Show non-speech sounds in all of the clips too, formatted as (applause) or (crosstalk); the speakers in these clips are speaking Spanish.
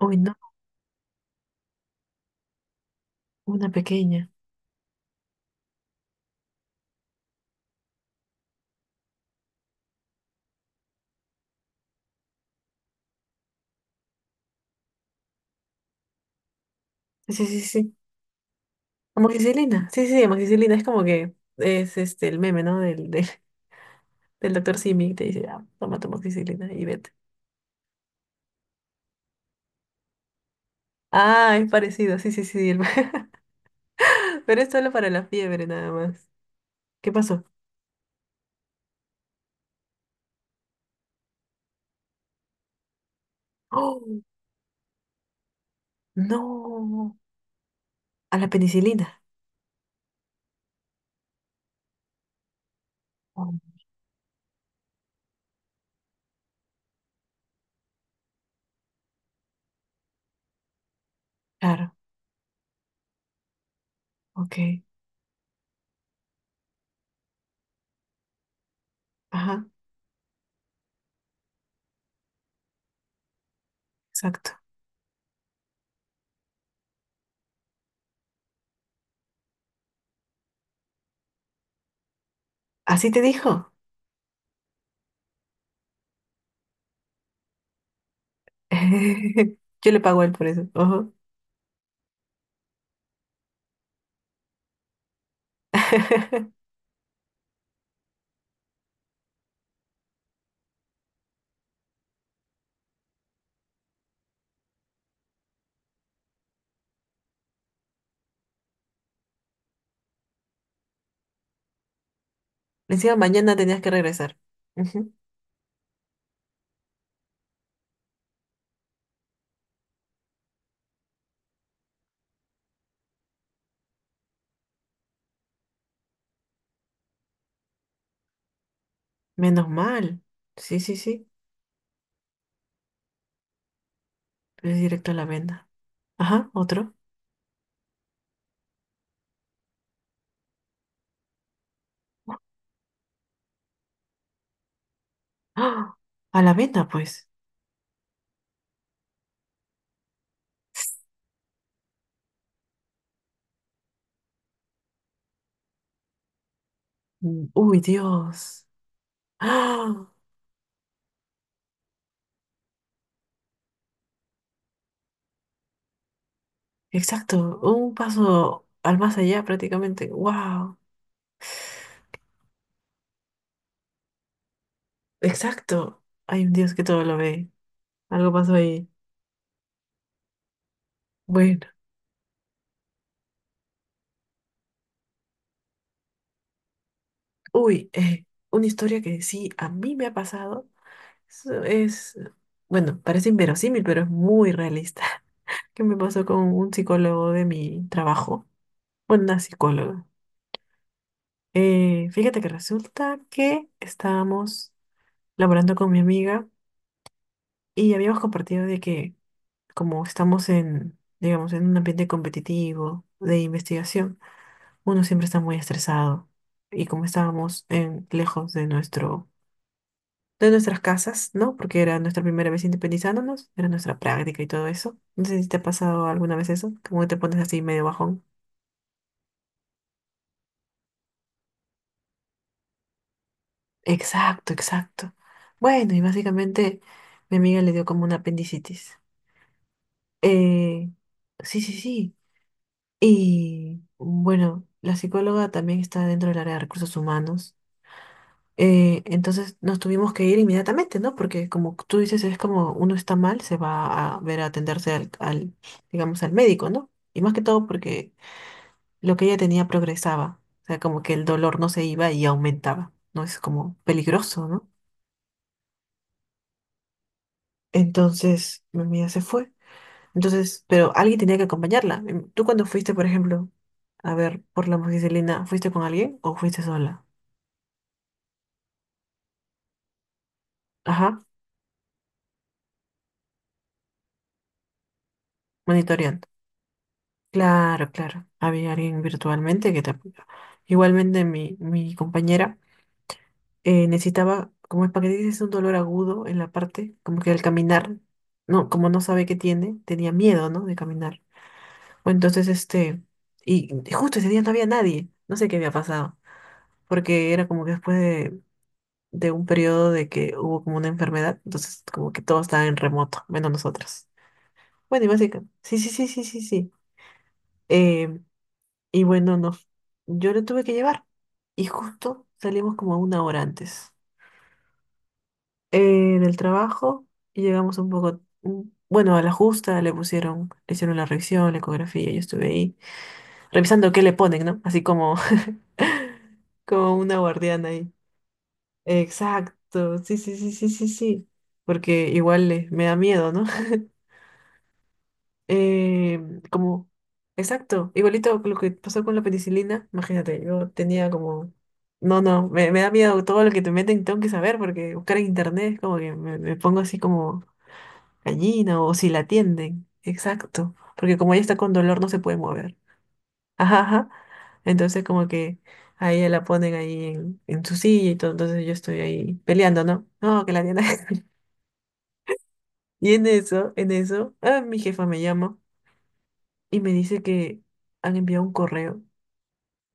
Uy, no, una pequeña. Sí, sí, sí. Amoxicilina. Sí, sí, sí, amoxicilina es como que es este el meme, ¿no? (laughs) Del doctor Simi que te dice, ah, toma tu amoxicilina y vete. Ah, es parecido, sí, sí, sí. Sí, (laughs) Pero es solo para la fiebre nada más. ¿Qué pasó? ¡Oh! No, a la penicilina. Oh, claro, ok. Ajá, exacto. ¿Así te dijo? (laughs) Yo le pago a él por eso. Ajá. (laughs) Encima mañana tenías que regresar. Menos mal. Sí, sí, sí. Es directo a la venda. Ajá, otro. ¡Ah! A la venda, pues. Mm, Uy, Dios. ¡Ah! Exacto. Un paso al más allá prácticamente. ¡Wow! Exacto. Hay un Dios que todo lo ve. Algo pasó ahí. Bueno. Uy, una historia que sí a mí me ha pasado. Es, es- bueno, parece inverosímil, pero es muy realista. (laughs) Que me pasó con un psicólogo de mi trabajo. Una psicóloga. Fíjate que resulta que estábamos laborando con mi amiga y habíamos compartido de que como estamos digamos, en un ambiente competitivo de investigación, uno siempre está muy estresado. Y como estábamos lejos de nuestras casas, ¿no? Porque era nuestra primera vez independizándonos, era nuestra práctica y todo eso. No sé si te ha pasado alguna vez eso, como que te pones así medio bajón. Exacto, exacto. Bueno, y básicamente mi amiga le dio como una apendicitis. Eh, sí, sí, sí. Y bueno, la psicóloga también está dentro del área de recursos humanos. Entonces nos tuvimos que ir inmediatamente, ¿no? Porque como tú dices, es como uno está mal, se va a ver a atenderse digamos, al médico, ¿no? Y más que todo porque lo que ella tenía progresaba. O sea, como que el dolor no se iba y aumentaba, ¿no? Es como peligroso, ¿no? Entonces mi amiga se fue. Entonces, pero alguien tenía que acompañarla. Tú cuando fuiste, por ejemplo, a ver, por la amoxicilina, ¿fuiste con alguien o fuiste sola? Ajá, monitoreando. Claro, claro. Había alguien virtualmente que te apoyaba. Igualmente mi compañera necesitaba, como es para que dices, un dolor agudo en la parte, como que al caminar, no, como no sabe qué tiene, tenía miedo, ¿no? De caminar. O entonces, este, y justo ese día no había nadie. No sé qué había pasado porque era como que después de un periodo de que hubo como una enfermedad, entonces como que todo estaba en remoto, menos nosotros. Bueno, y básicamente, sí, sí, sí, sí, sí, sí. Eh, y bueno, yo lo tuve que llevar y justo salimos como una hora antes eh, del trabajo y llegamos un poco, bueno, a la justa le pusieron, le hicieron la revisión, la ecografía, yo estuve ahí revisando qué le ponen, ¿no? Así como, (laughs) como una guardiana ahí. Exacto, sí, sí, sí, sí, sí, sí. Porque igual me da miedo, ¿no? Eh, como, exacto, igualito con lo que pasó con la penicilina, imagínate, yo tenía como, no, no, me da miedo todo lo que te meten, tengo que saber, porque buscar en internet es como que me pongo así como gallina o si la atienden, exacto, porque como ella está con dolor no se puede mover, ajá, ajá, entonces como que a ella la ponen ahí en su silla y todo, entonces yo estoy ahí peleando, ¿no? No, que la atienda. (laughs) Y en eso, ah, mi jefa me llama. Y me dice que han enviado un correo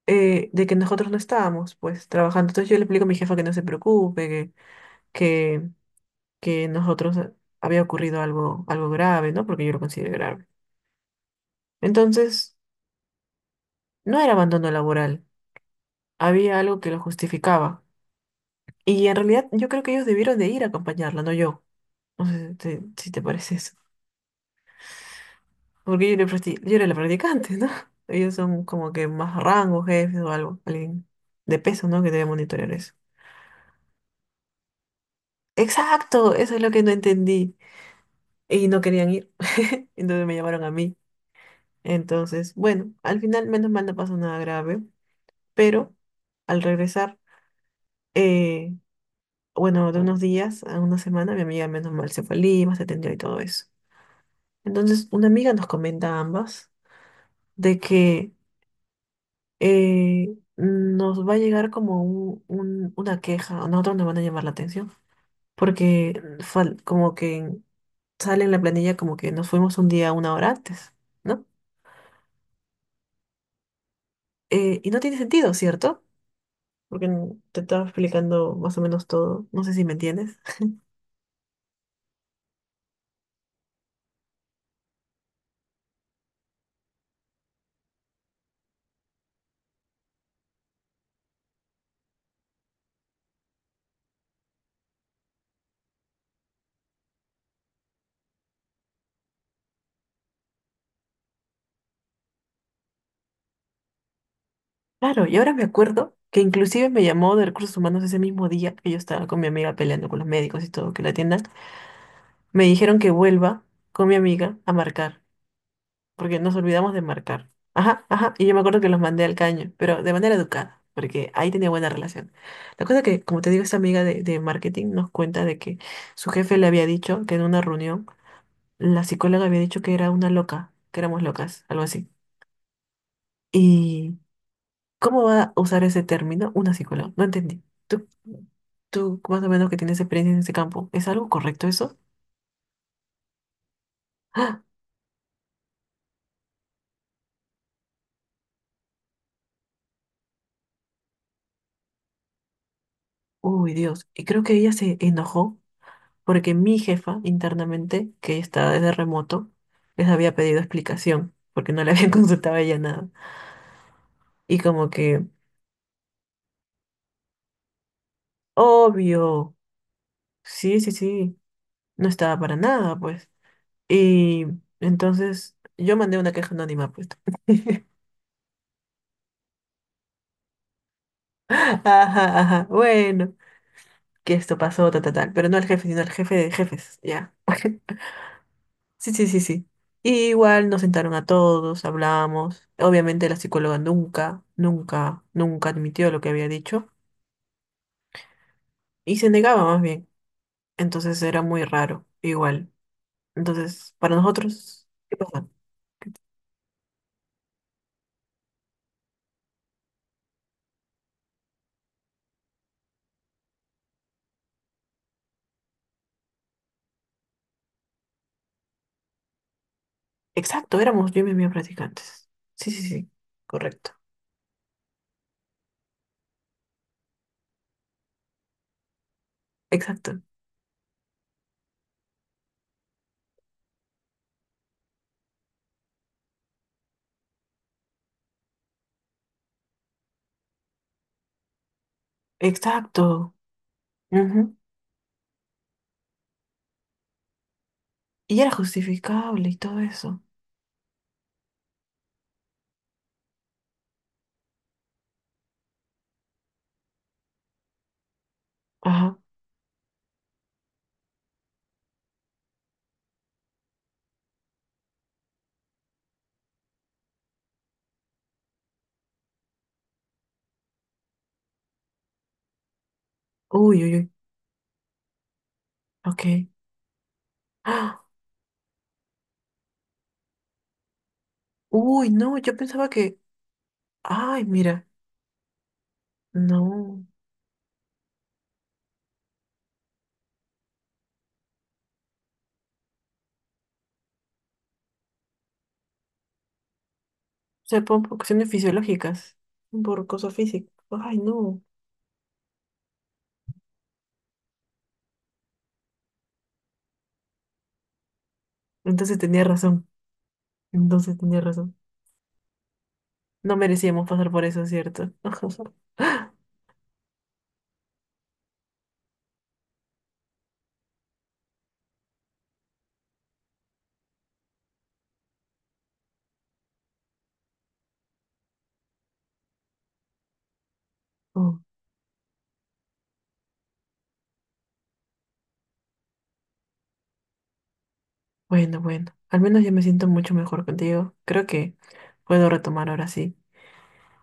de que nosotros no estábamos, pues, trabajando. Entonces yo le explico a mi jefa que no se preocupe, que, que nosotros había ocurrido algo, algo grave, ¿no? Porque yo lo considero grave. Entonces, no era abandono laboral, había algo que lo justificaba. Y en realidad yo creo que ellos debieron de ir a acompañarla, no yo. No sé si te parece eso. Porque yo era la practicante, ¿no? (laughs) Ellos son como que más rango, jefes o algo, alguien de peso, ¿no? Que debe monitorear eso. Exacto, eso es lo que no entendí. Y no querían ir. (laughs) Entonces me llamaron a mí. Entonces, bueno, al final menos mal no pasó nada grave, pero al regresar, eh, bueno, de unos días a una semana, mi amiga menos mal se fue a Lima, se atendió y todo eso. Entonces, una amiga nos comenta a ambas de que nos va a llegar como una queja, a nosotros nos van a llamar la atención, porque como que sale en la planilla como que nos fuimos un día una hora antes, ¿no? Y no tiene sentido, ¿cierto? Porque te estaba explicando más o menos todo, no sé si me entiendes. Claro, y ahora me acuerdo que inclusive me llamó de recursos humanos ese mismo día que yo estaba con mi amiga peleando con los médicos y todo, que la atiendan. Me dijeron que vuelva con mi amiga a marcar. Porque nos olvidamos de marcar. Ajá, ajá, y yo me acuerdo que los mandé al caño, pero de manera educada, porque ahí tenía buena relación. La cosa que, como te digo, esta amiga de marketing nos cuenta de que su jefe le había dicho que en una reunión la psicóloga había dicho que era una loca, que éramos locas, algo así. ¿Y cómo va a usar ese término una psicóloga? No entendí. ¿Tú más o menos que tienes experiencia en ese campo, ¿es algo correcto eso? (gasps) ¡Ah! Uy, Dios. Y creo que ella se enojó porque mi jefa internamente, que está desde remoto, les había pedido explicación, porque no le habían (laughs) consultado a ella nada. Y como que, obvio, sí, sí, sí, no estaba para nada, pues. Y entonces yo mandé una queja anónima, pues. (laughs) Ajá, ajá, bueno, que esto pasó, ta, ta, tal, pero no al jefe, sino al jefe de jefes, ya. (laughs) Sí, sí, sí, sí. Y igual nos sentaron a todos, hablamos. Obviamente la psicóloga nunca, nunca, nunca admitió lo que había dicho. Y se negaba más bien. Entonces era muy raro, igual. Entonces, para nosotros, ¿qué pasa? Exacto, éramos yo y mis amigas practicantes. Sí, sí, sí, correcto. Exacto, exacto. Ujú. Y era justificable y todo eso. Ajá. Uy, uy, uy. Ok. ¡Ah! Uy, no, yo pensaba que. Ay, mira, no. Se por cuestiones fisiológicas, por cosas físicas. Ay, no. Entonces tenía razón. Entonces tenía razón. No merecíamos pasar por eso, ¿cierto? (laughs) Oh, bueno, bueno. Al menos ya me siento mucho mejor contigo. Creo que puedo retomar ahora sí.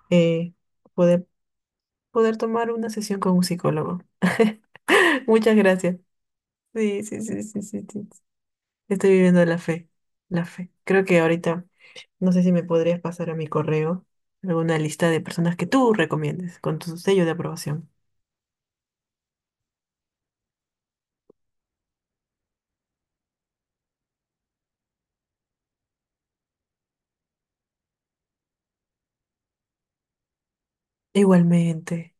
eh, poder, poder tomar una sesión con un psicólogo. (laughs) Muchas gracias. Sí, sí, sí, sí, sí, sí. Estoy viviendo la fe. La fe. Creo que ahorita, no sé si me podrías pasar a mi correo alguna lista de personas que tú recomiendes con tu sello de aprobación. Igualmente.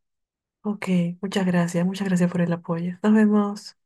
Ok, muchas gracias. Muchas gracias por el apoyo. Nos vemos.